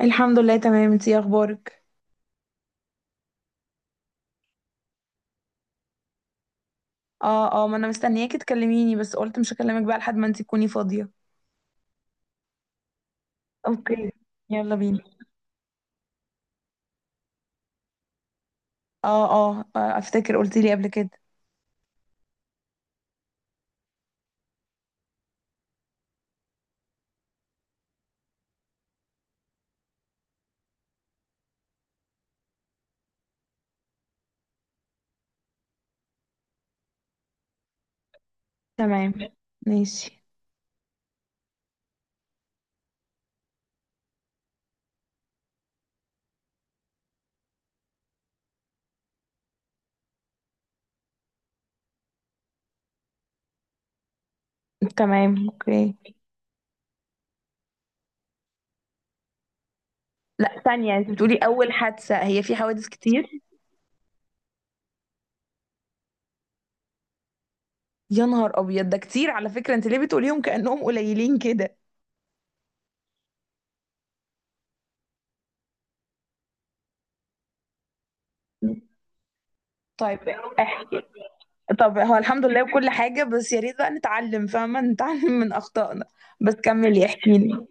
الحمد لله، تمام. انتي ايه اخبارك؟ اه اه، ما انا مستنياكي تكلميني، بس قلت مش هكلمك بقى لحد ما انتي تكوني فاضية. اوكي. يلا بينا. اه اه اه، افتكر قلتي لي قبل كده. تمام. ماشي. تمام، اوكي. لا، ثانية، انت بتقولي اول حادثة؟ هي في حوادث كتير؟ يا نهار ابيض، ده كتير على فكرة. انت ليه بتقوليهم كأنهم قليلين كده؟ طيب. احكي. طب هو الحمد لله وكل حاجة، بس يا ريت بقى نتعلم، فاهمة؟ نتعلم من اخطائنا. بس كملي، احكي لي.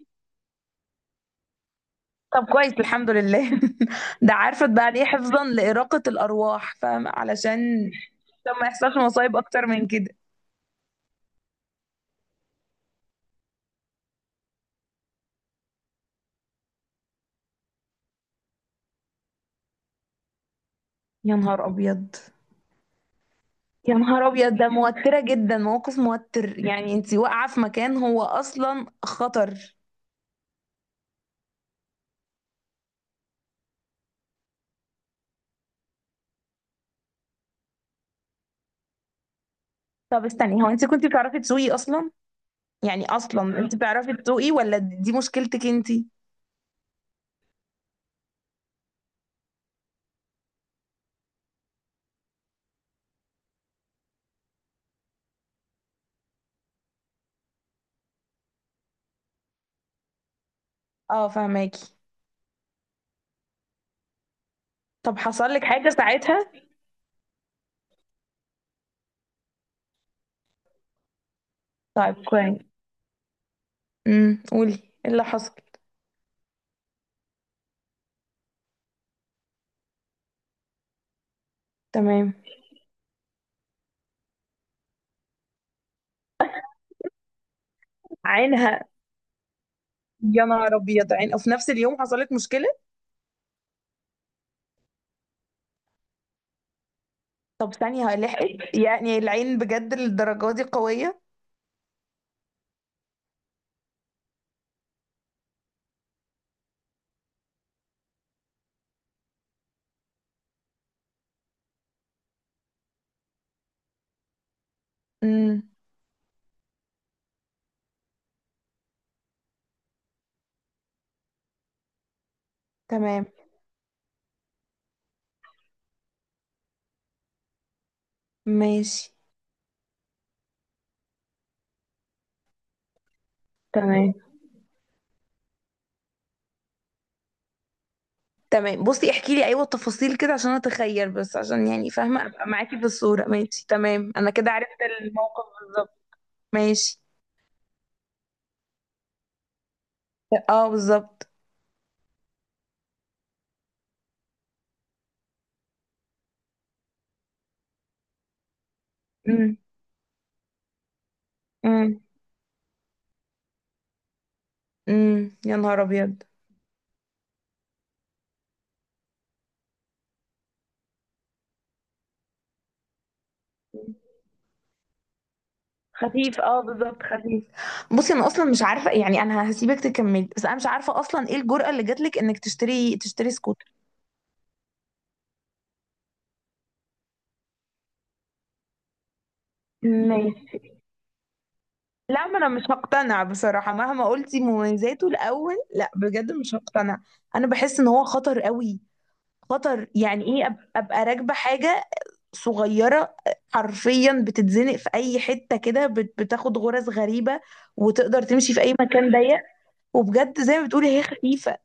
طب كويس، الحمد لله. ده عارفة بقى ليه؟ حفظا لإراقة الأرواح، فاهمة؟ علشان عشان ما يحصلش مصايب أكتر من كده. يا نهار أبيض. يا نهار أبيض، ده موترة جدا، موقف موتر. يعني انتي واقعة في مكان هو أصلا خطر. طب استني، هو انتي كنتي بتعرفي تسوقي أصلا؟ يعني أصلا انتي بتعرفي تسوقي، ولا دي مشكلتك انتي؟ اه، فهماكي. طب حصل لك حاجة ساعتها؟ طيب كويس. قولي ايه اللي حصل. تمام. عينها. يا نهار ابيض، عين؟ وفي نفس اليوم حصلت مشكله. طب ثانيه لحقت؟ يعني العين بجد للدرجه دي قويه؟ امم. تمام. ماشي. تمام. تمام، بصي احكي لي، ايوه التفاصيل كده عشان اتخيل، بس عشان يعني فاهمه ابقى معاكي في الصوره. ماشي، تمام، انا كده عرفت الموقف بالظبط. ماشي. اه، بالظبط. امم. امم. امم، يا نهار ابيض. خفيف، اه بالظبط، خفيف. بصي، انا اصلا مش عارفه، يعني انا هسيبك تكملي، بس انا مش عارفه اصلا ايه الجرأة اللي جاتلك انك تشتري سكوت. ماشي. لا، ما انا مش هقتنع بصراحة، مهما قلتي مميزاته الاول. لا بجد، مش هقتنع. انا بحس ان هو خطر قوي. خطر، يعني ايه ابقى راكبة حاجة صغيرة. حرفيا بتتزنق في اي حتة كده، بتاخد غرز غريبة. وتقدر تمشي في اي مكان ضيق. وبجد زي ما بتقولي هي خفيفة.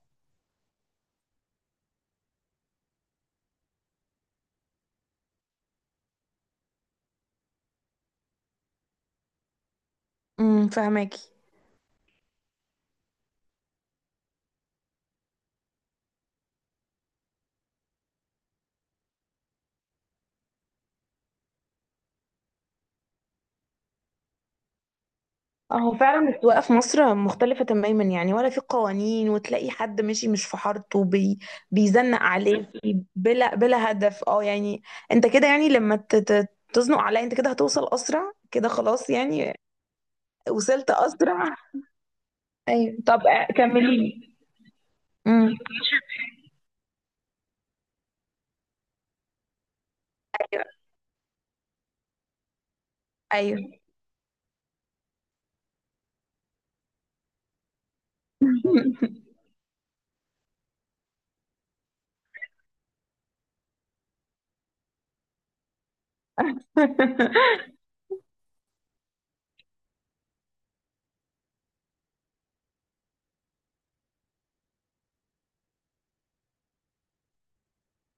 امم، فهماكي. هو فعلا السواقة في مصر مختلفة تماما، يعني ولا في قوانين، وتلاقي حد ماشي مش في حارته بي. بيزنق عليك. بلا بلا هدف، اه يعني. انت كده يعني، لما تزنق عليا انت كده هتوصل اسرع كده؟ خلاص يعني. وصلت اسرع. ايوه، طب. كملي لي. امم. ايوه.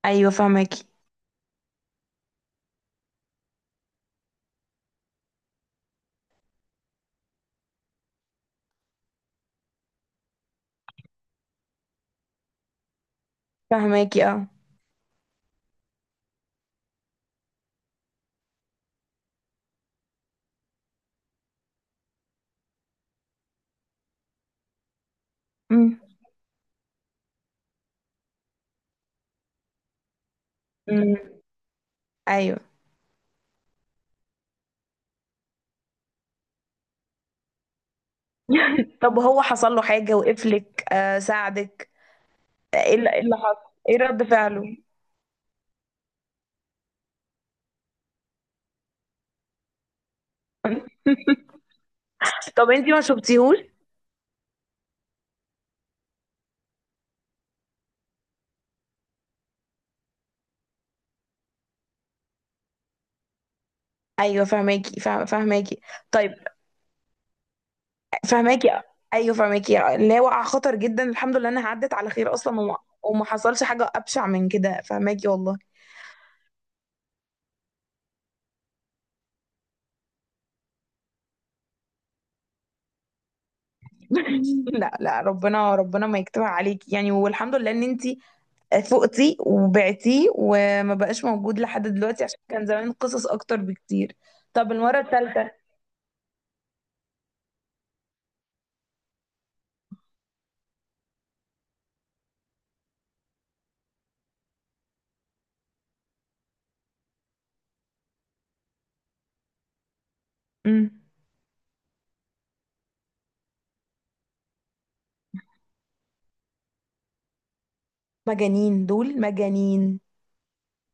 ايوه، فهماكي، فهماكي، اه. امم. أمم. ايوه. طب هو حصل له حاجة؟ وقفلك، آه ساعدك؟ ايه اللي إيه اللي حصل؟ ايه رد فعله؟ طب انتي ما شفتيهوش؟ ايوه، فهماكي، فهماكي. طيب. فهماكي. ايوه، فهماكي، اللي هي وقع خطر جدا، الحمد لله انها عدت على خير اصلا، وما حصلش حاجه ابشع من كده، فهماكي، والله. لا لا، ربنا ربنا ما يكتبها عليكي، يعني والحمد لله ان انتي فقتي وبعتيه، وما بقاش موجود لحد دلوقتي، عشان كان زمان قصص اكتر بكتير. طب المره الثالثه؟ مجانين، دول مجانين.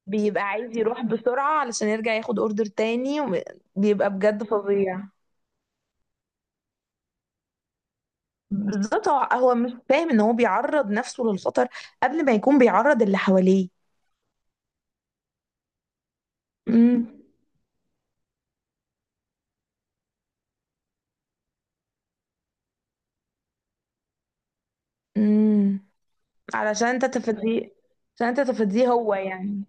بيبقى عايز يروح بسرعة علشان يرجع ياخد اوردر تاني بيبقى بجد فظيع. بالظبط، هو مش فاهم ان هو بيعرض نفسه للخطر قبل ما يكون بيعرض اللي حواليه. امم. امم. علشان تتفاديه. عشان تتفاديه، هو يعني.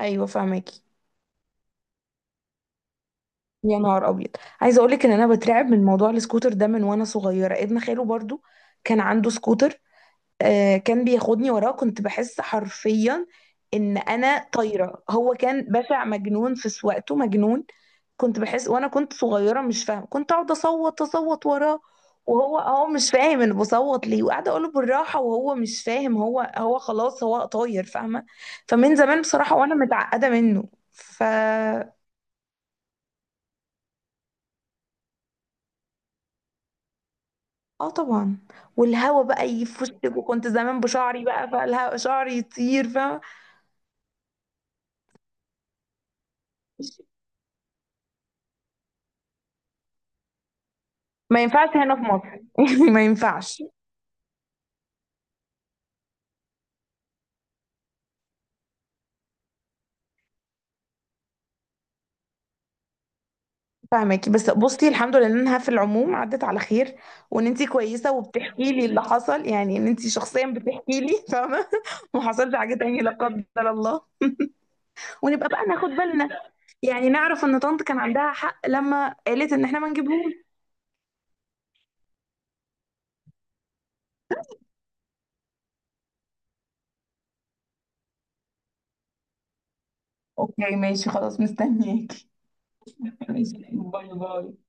ايوه، فاهماكي. يا نهار ابيض. عايزه اقولك ان انا بترعب من موضوع السكوتر ده من وانا صغيره. ابن خاله برضو كان عنده سكوتر. كان بياخدني وراه، كنت بحس حرفيا ان انا طايره. هو كان بشع، مجنون في سواقته، مجنون. كنت بحس وانا كنت صغيره مش فاهمه، كنت اقعد اصوت اصوت وراه. وهو مش فاهم انا بصوت ليه، وقاعده اقوله بالراحه وهو مش فاهم، هو خلاص هو طاير، فاهمه؟ فمن زمان بصراحه، وانا متعقده منه اه طبعا. والهوا بقى يف وشك، وكنت زمان بشعري، بقى فالهوا شعري يطير، فاهمه؟ ما ينفعش هنا في مصر. ما ينفعش. فاهمكِ، بس بُصي الحمد لله إنها في العموم عدّت على خير، وإن أنتِ كويسة وبتحكي لي اللي حصل، يعني إن أنتِ شخصيًا بتحكي لي، فاهمة؟ وما حصلش حاجة تاني لا قدّر الله، ونبقى بقى ناخد بالنا، يعني نعرف إن طنط كان عندها حق لمّا قالت إن إحنا ما نجيبهوش. أوكي، ماشي، خلاص، مستنياكِ. ماشي. باي باي.